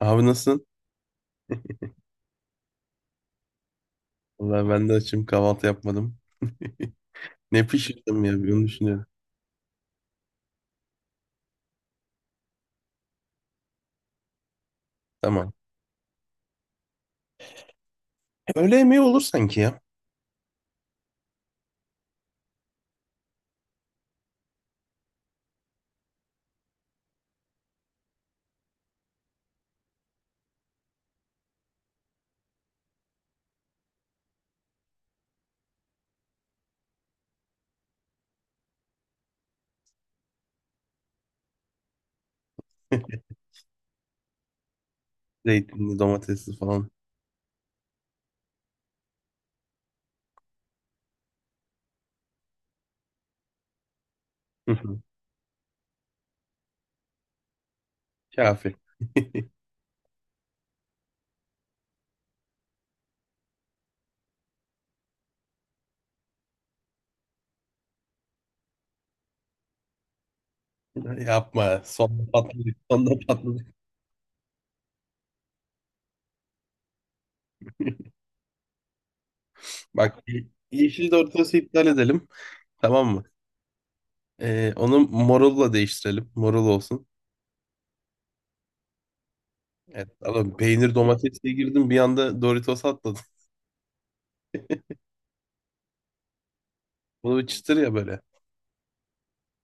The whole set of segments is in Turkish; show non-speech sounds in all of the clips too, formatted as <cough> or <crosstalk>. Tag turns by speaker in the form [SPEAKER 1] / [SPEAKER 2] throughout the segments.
[SPEAKER 1] Abi nasılsın? Vallahi ben de açım, kahvaltı yapmadım. <laughs> Ne pişirdim ya, bir onu düşünüyorum. Tamam. Öğle yemeği olur sanki ya. Zeytinli, domatesli falan. <laughs> Hı hı. Kafi. <laughs> Yapma. Sonunda patladık. Sonunda patladık. <laughs> Bak, yeşil Doritos'u iptal edelim. Tamam mı? Onu morulla değiştirelim. Morul olsun. Evet, ama peynir domatesle girdim, bir anda Doritos atladım. Bunu bir çıtır ya böyle.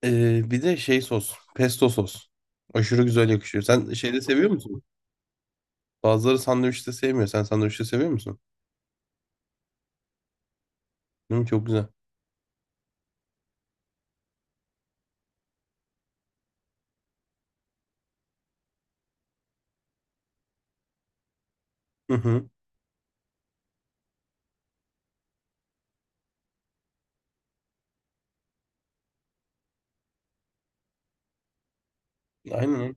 [SPEAKER 1] Bir de şey sos. Pesto sos. Aşırı güzel yakışıyor. Sen şeyde seviyor musun? Bazıları sandviçte sevmiyor. Sen sandviçte seviyor musun? Değil mi? Çok güzel. Hı hı. Aynen.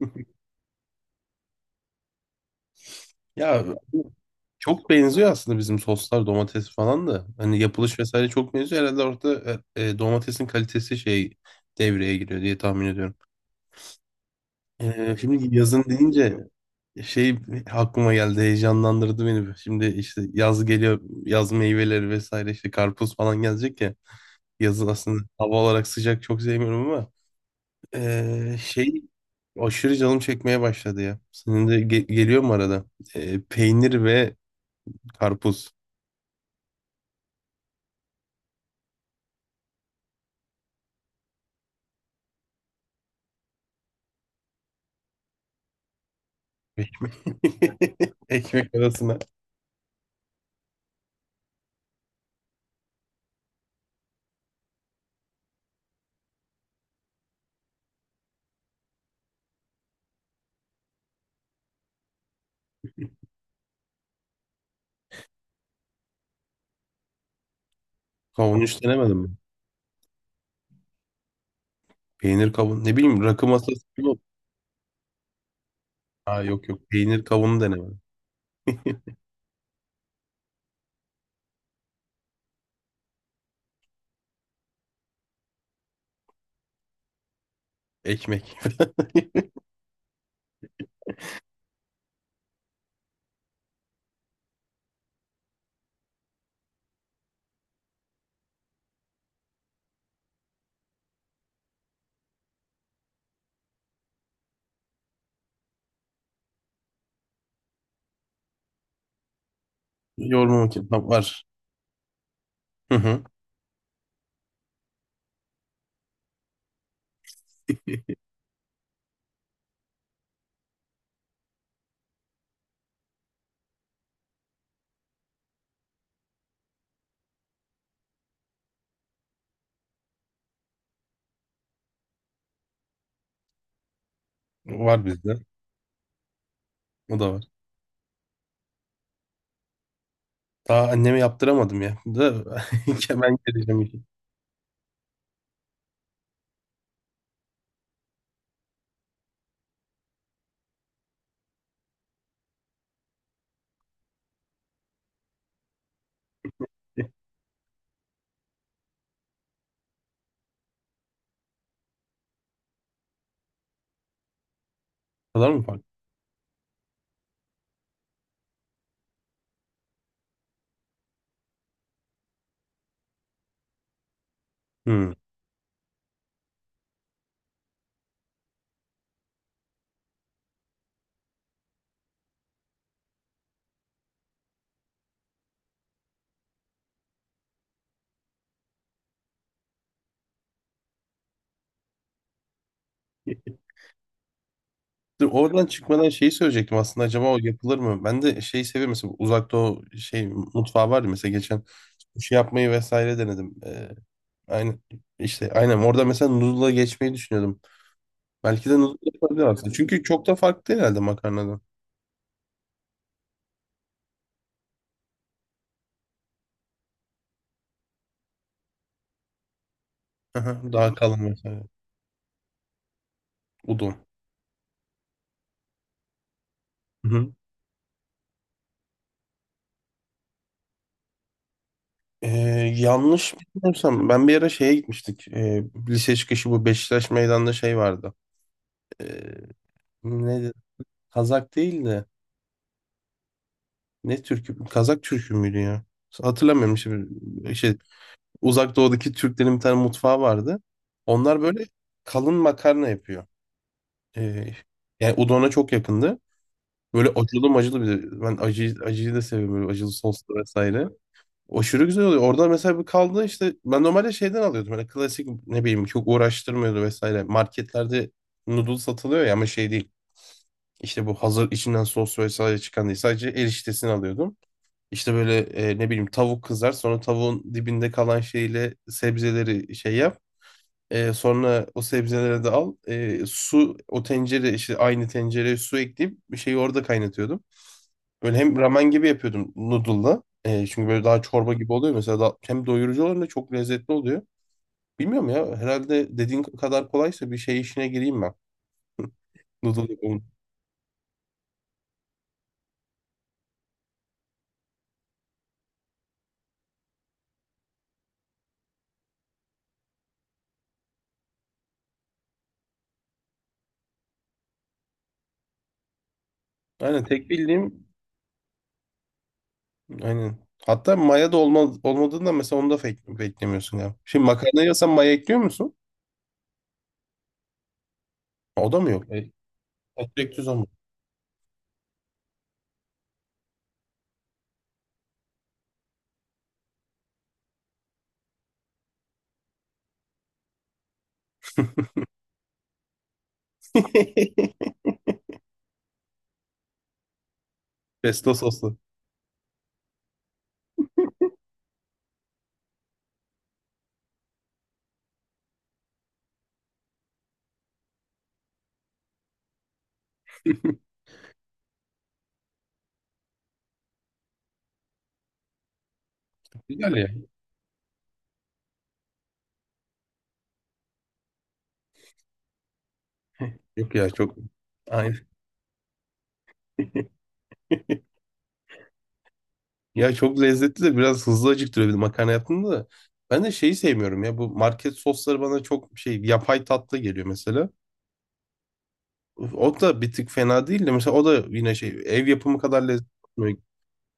[SPEAKER 1] <laughs> Ya çok benziyor aslında bizim soslar, domates falan da. Hani yapılış vesaire çok benziyor. Herhalde orada domatesin kalitesi şey devreye giriyor diye tahmin ediyorum. Şimdi yazın deyince şey aklıma geldi, heyecanlandırdı beni. Şimdi işte yaz geliyor, yaz meyveleri vesaire işte karpuz falan gelecek ya. Yazın aslında hava olarak sıcak çok sevmiyorum ama şey aşırı canım çekmeye başladı ya. Senin de geliyor mu arada? Peynir ve karpuz. Ekmek, <laughs> ekmek arasına. Kavun hiç denemedim mi? Peynir kavun. Ne bileyim, rakı masası gibi oldu. Aa, yok yok, peynir kavunu denemedim. Ekmek. <laughs> Yoğurma makinesi. Tamam, var. Hı hı. Var bizde. O da var. Daha anneme yaptıramadım ya. Da <laughs> ben geleceğim. O kadar mı fark? Hı. Dur, oradan çıkmadan şeyi söyleyecektim aslında, acaba o yapılır mı? Ben de şeyi seviyorum, mesela uzakta o şey mutfağı var ya, mesela geçen sushi yapmayı vesaire denedim. Aynı işte, aynen orada mesela noodle'a geçmeyi düşünüyordum. Belki de noodle yapabilir aslında. Çünkü çok da farklı herhalde makarnadan. Aha, daha kalın mesela udon. Hı hı. Ee, Yanlış bilmiyorsam ben bir ara şeye gitmiştik. Lise çıkışı bu Beşiktaş meydanda şey vardı. Ee, Neydi? Kazak değildi. Ne türkü? Kazak türkü müydü ya? Hatırlamıyorum şimdi. Şey, Uzak Doğu'daki Türklerin bir tane mutfağı vardı. Onlar böyle kalın makarna yapıyor. Ee, Yani udona çok yakındı. Böyle acılı macılı bir de. Ben acıyı da seviyorum. Böyle acılı soslu vesaire. Aşırı güzel oluyor. Orada mesela bir kaldı işte. Ben normalde şeyden alıyordum. Böyle klasik, ne bileyim, çok uğraştırmıyordu vesaire. Marketlerde noodle satılıyor ya, ama şey değil. İşte bu hazır içinden sos vesaire çıkan değil. Sadece eriştesini alıyordum. İşte böyle ne bileyim, tavuk kızar, sonra tavuğun dibinde kalan şeyle sebzeleri şey yap. E, sonra o sebzeleri de al. E, su O tencere işte, aynı tencereye su ekleyip bir şeyi orada kaynatıyordum. Böyle hem ramen gibi yapıyordum noodle'la. Çünkü böyle daha çorba gibi oluyor mesela da, hem doyurucu oluyor hem de çok lezzetli oluyor. Bilmiyorum ya, herhalde dediğin kadar kolaysa bir şey işine gireyim ben. <laughs> Noodle yapayım. Aynen, tek bildiğim aynen. Hatta olmadığında mesela onu da fake, beklemiyorsun ya. Şimdi makarna yiyorsan maya ekliyor musun? O da mı yok? E, ekmek düz ama. <laughs> Pesto soslu. <laughs> Güzel ya. Yok ya, çok. Aynen. Ya çok lezzetli de biraz hızlı acıktırıyor bir de makarna yaptığında da. Ben de şeyi sevmiyorum ya, bu market sosları bana çok şey, yapay tatlı geliyor mesela. O da bir tık fena değil de, mesela o da yine şey, ev yapımı kadar lezzetli.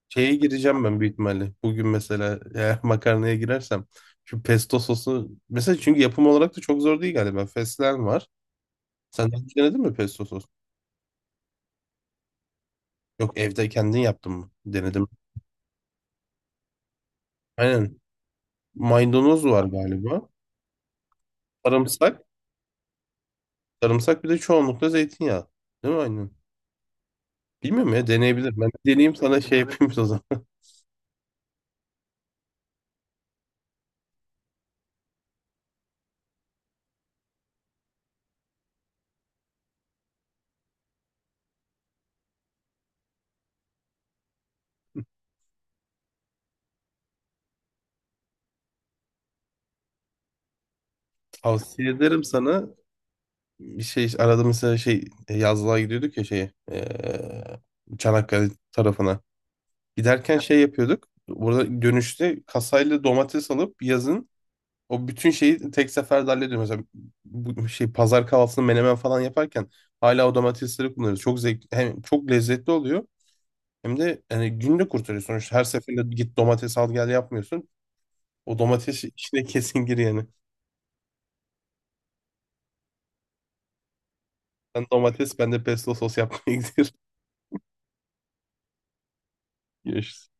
[SPEAKER 1] Şeye gireceğim ben büyük ihtimalle. Bugün mesela eğer <laughs> makarnaya girersem şu pesto sosu mesela, çünkü yapım olarak da çok zor değil galiba. Fesleğen var. Sen daha önce denedin mi pesto sos? Yok, evde kendin yaptın mı? Denedim. Aynen. Maydanoz var galiba. Sarımsak. Sarımsak, bir de çoğunlukla zeytinyağı. Değil mi aynen? Bilmiyorum ya, deneyebilir. Ben bir deneyeyim, sana şey yapayım o zaman. <laughs> Tavsiye ederim sana. Bir şey arada mesela şey, yazlığa gidiyorduk ya şey, Çanakkale tarafına. Giderken şey yapıyorduk. Burada dönüşte kasayla domates alıp yazın o bütün şeyi tek seferde hallediyoruz. Mesela bu şey, pazar kahvaltısını menemen falan yaparken hala o domatesleri kullanıyoruz. Çok zevk, hem çok lezzetli oluyor hem de yani günde kurtarıyor sonuçta. Her seferinde git domates al gel yapmıyorsun. O domates içine <laughs> kesin gir yani. Sen domates, ben de pesto sos yapmaya <laughs> gidiyorum. Görüşürüz.